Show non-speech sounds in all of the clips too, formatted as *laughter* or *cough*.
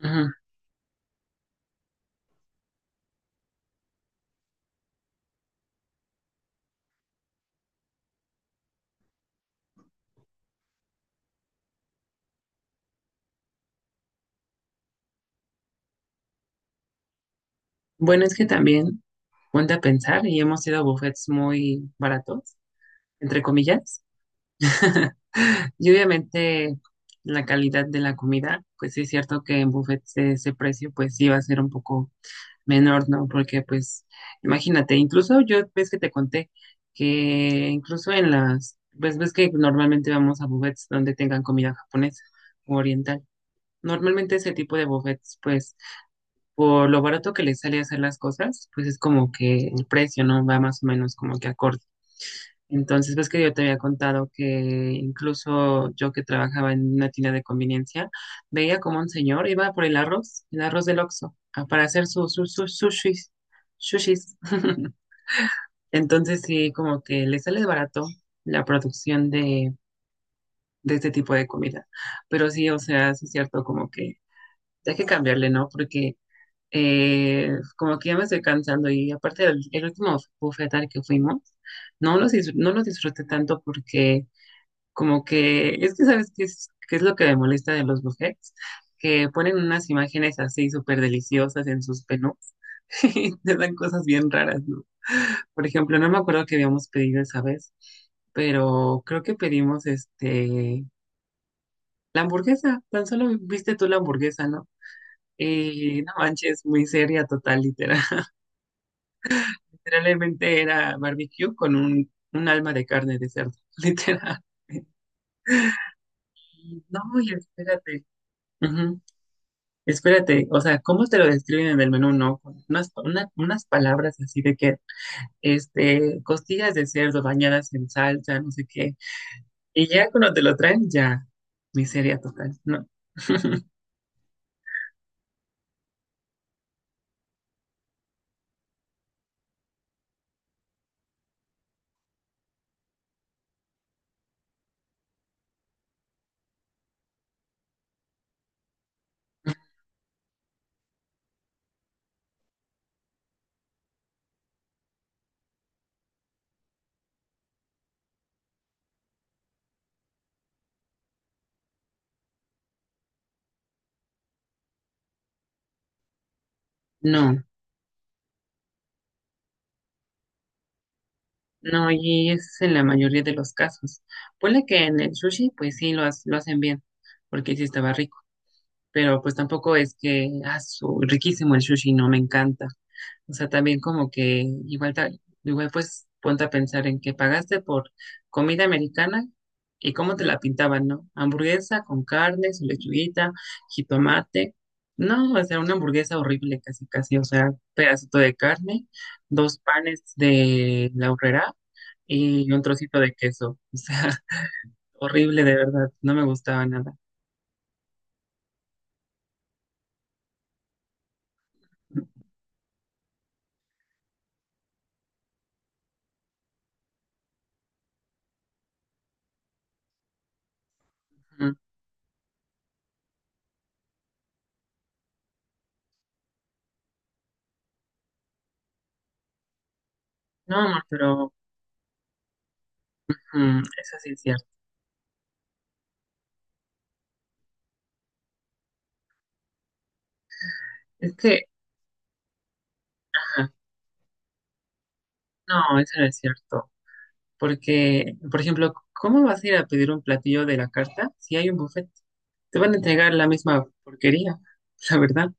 Ajá. Bueno, es que también ponte a pensar y hemos ido a buffets muy baratos, entre comillas. *laughs* Y obviamente la calidad de la comida, pues sí es cierto que en buffets ese precio pues sí va a ser un poco menor, ¿no? Porque pues imagínate, incluso yo ves que te conté que incluso en las, pues ves que normalmente vamos a buffets donde tengan comida japonesa o oriental. Normalmente ese tipo de buffets pues por lo barato que les sale hacer las cosas, pues es como que el precio no va más o menos como que acorde. Entonces, ves que yo te había contado que incluso yo que trabajaba en una tienda de conveniencia, veía como un señor iba por el arroz del Oxxo, para hacer sus sushis, sushis. *laughs* Entonces, sí, como que le sale barato la producción de este tipo de comida. Pero sí, o sea, sí es cierto, como que hay que cambiarle, ¿no? Porque como que ya me estoy cansando y aparte el último buffet al que fuimos, no los disfruté tanto porque como que es que sabes qué es lo que me molesta de los buffets, que ponen unas imágenes así súper deliciosas en sus menús *laughs* y te dan cosas bien raras, ¿no? Por ejemplo, no me acuerdo que habíamos pedido esa vez, pero creo que pedimos la hamburguesa, tan solo viste tú la hamburguesa, ¿no? Y no manches, muy seria, total, literal. Literalmente era barbecue con un alma de carne de cerdo, *laughs* literal. Y no, y espérate. Ujú, espérate, o sea, ¿cómo te lo describen en el menú? No, con unas palabras así de que, costillas de cerdo bañadas en salsa, no sé qué. Y ya cuando te lo traen, ya, miseria total, no. *laughs* No, no, y es en la mayoría de los casos. Ponle que en el sushi, pues sí, lo hacen bien, porque sí estaba rico. Pero pues tampoco es que, ah, riquísimo el sushi, no me encanta. O sea, también como que igual pues ponte a pensar en que pagaste por comida americana y cómo te la pintaban, ¿no? Hamburguesa con carne, su lechuguita, jitomate. No, o sea, una hamburguesa horrible casi, casi, o sea, pedacito de carne, dos panes de la horrera y un trocito de queso. O sea, *laughs* horrible de verdad, no me gustaba nada. Ujú. No, amor, pero mm, eso sí es cierto. Es que, ajá, no, eso no es cierto. Porque, por ejemplo, ¿cómo vas a ir a pedir un platillo de la carta si hay un buffet? Te van a entregar la misma porquería, *laughs* la verdad.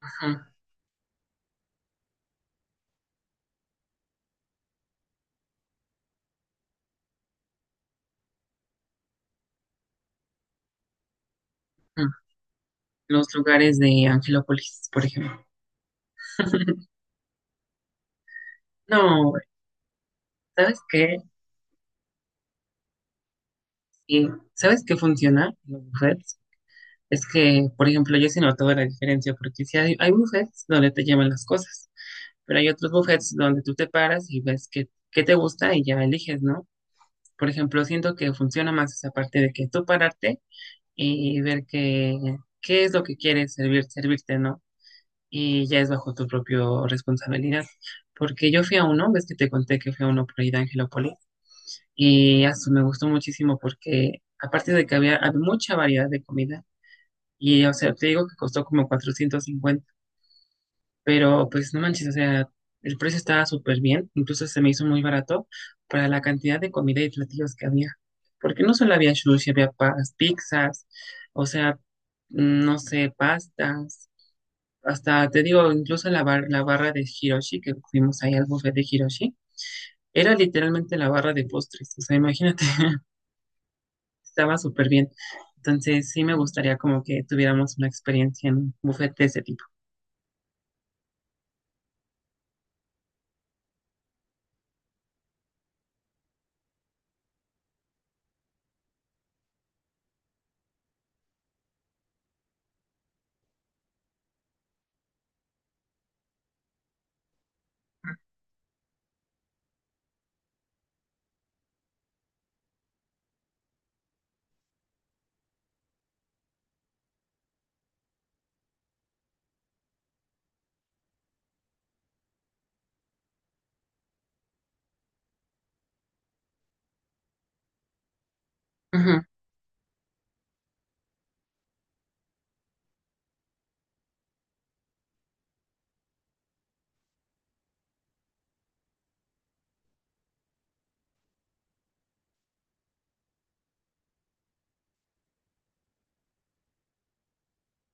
Ajá, ajá. Los lugares de Angelópolis, por ejemplo. *laughs* No, ¿sabes qué? Sí, ¿sabes qué funciona en los buffets? Es que, por ejemplo, yo sí he notado la diferencia, porque si hay, hay buffets donde te llevan las cosas, pero hay otros buffets donde tú te paras y ves qué, qué te gusta y ya eliges, ¿no? Por ejemplo, siento que funciona más esa parte de que tú pararte y ver qué qué es lo que quieres servir, servirte, ¿no? Y ya es bajo tu propia responsabilidad. Porque yo fui a uno, ves que te conté que fui a uno por ahí de Angelópolis, y eso me gustó muchísimo porque aparte de que había mucha variedad de comida, y o sea, te digo que costó como 450. Pero pues no manches, o sea, el precio estaba súper bien, incluso se me hizo muy barato para la cantidad de comida y platillos que había. Porque no solo había sushi, había pizzas, o sea, mm, no sé, pastas, hasta te digo, incluso la barra de Hiroshi, que fuimos ahí al buffet de Hiroshi, era literalmente la barra de postres, o sea, imagínate, *laughs* estaba súper bien. Entonces sí me gustaría como que tuviéramos una experiencia en un buffet de ese tipo. Ujú.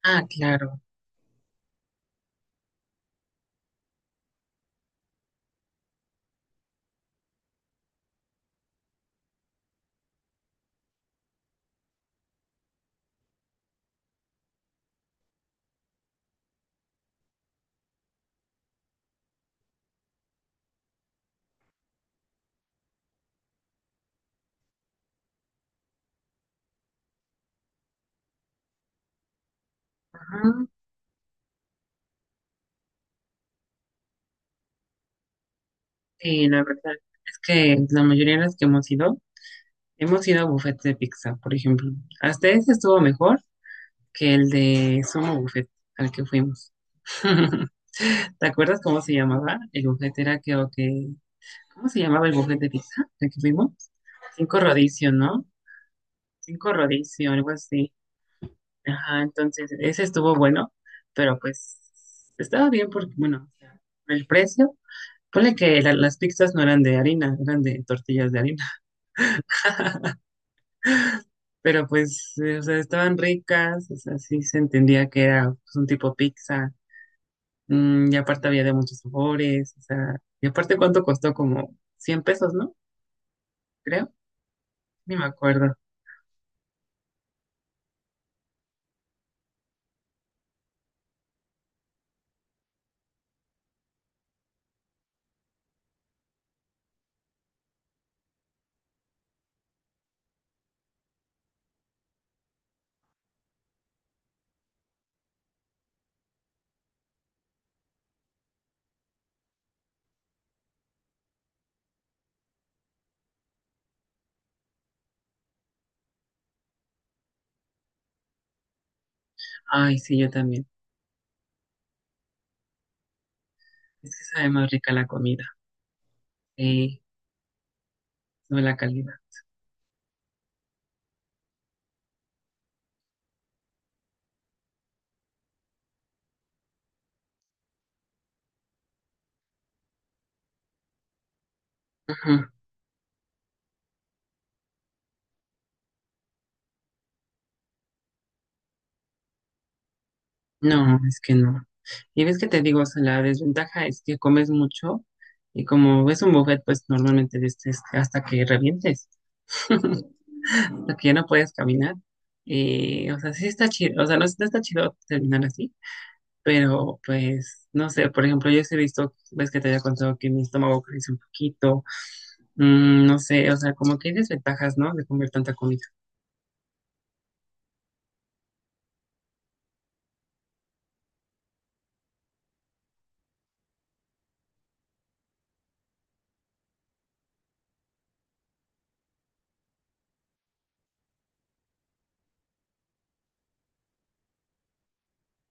Ah, claro. Sí, la verdad es que la mayoría de las que hemos ido a buffets de pizza, por ejemplo. Hasta ese estuvo mejor que el de Sumo Buffet al que fuimos. *laughs* ¿Te acuerdas cómo se llamaba? El buffet era creo que... ¿Cómo se llamaba el buffet de pizza al que fuimos? Cinco rodicio, ¿no? Cinco rodicio algo así. Ajá, entonces ese estuvo bueno, pero pues estaba bien porque, bueno, o sea, el precio, ponle que las pizzas no eran de harina, eran de tortillas de harina. Pero pues, o sea, estaban ricas, o sea, sí se entendía que era pues, un tipo pizza, mm, y aparte había de muchos sabores, o sea, y aparte cuánto costó, como $100, ¿no? Creo, ni me acuerdo. Ay, sí, yo también. Es que sabe más rica la comida, eh, no la calidad. Ajá. No, es que no. Y ves que te digo, o sea, la desventaja es que comes mucho y como es un buffet, pues normalmente es hasta que revientes. *laughs* Porque ya no puedes caminar. Y, o sea, sí está chido, o sea, no, no está chido terminar así, pero pues, no sé, por ejemplo, yo sí he visto, ves que te había contado que mi estómago crece un poquito, mm, no sé, o sea, como que hay desventajas, ¿no? De comer tanta comida.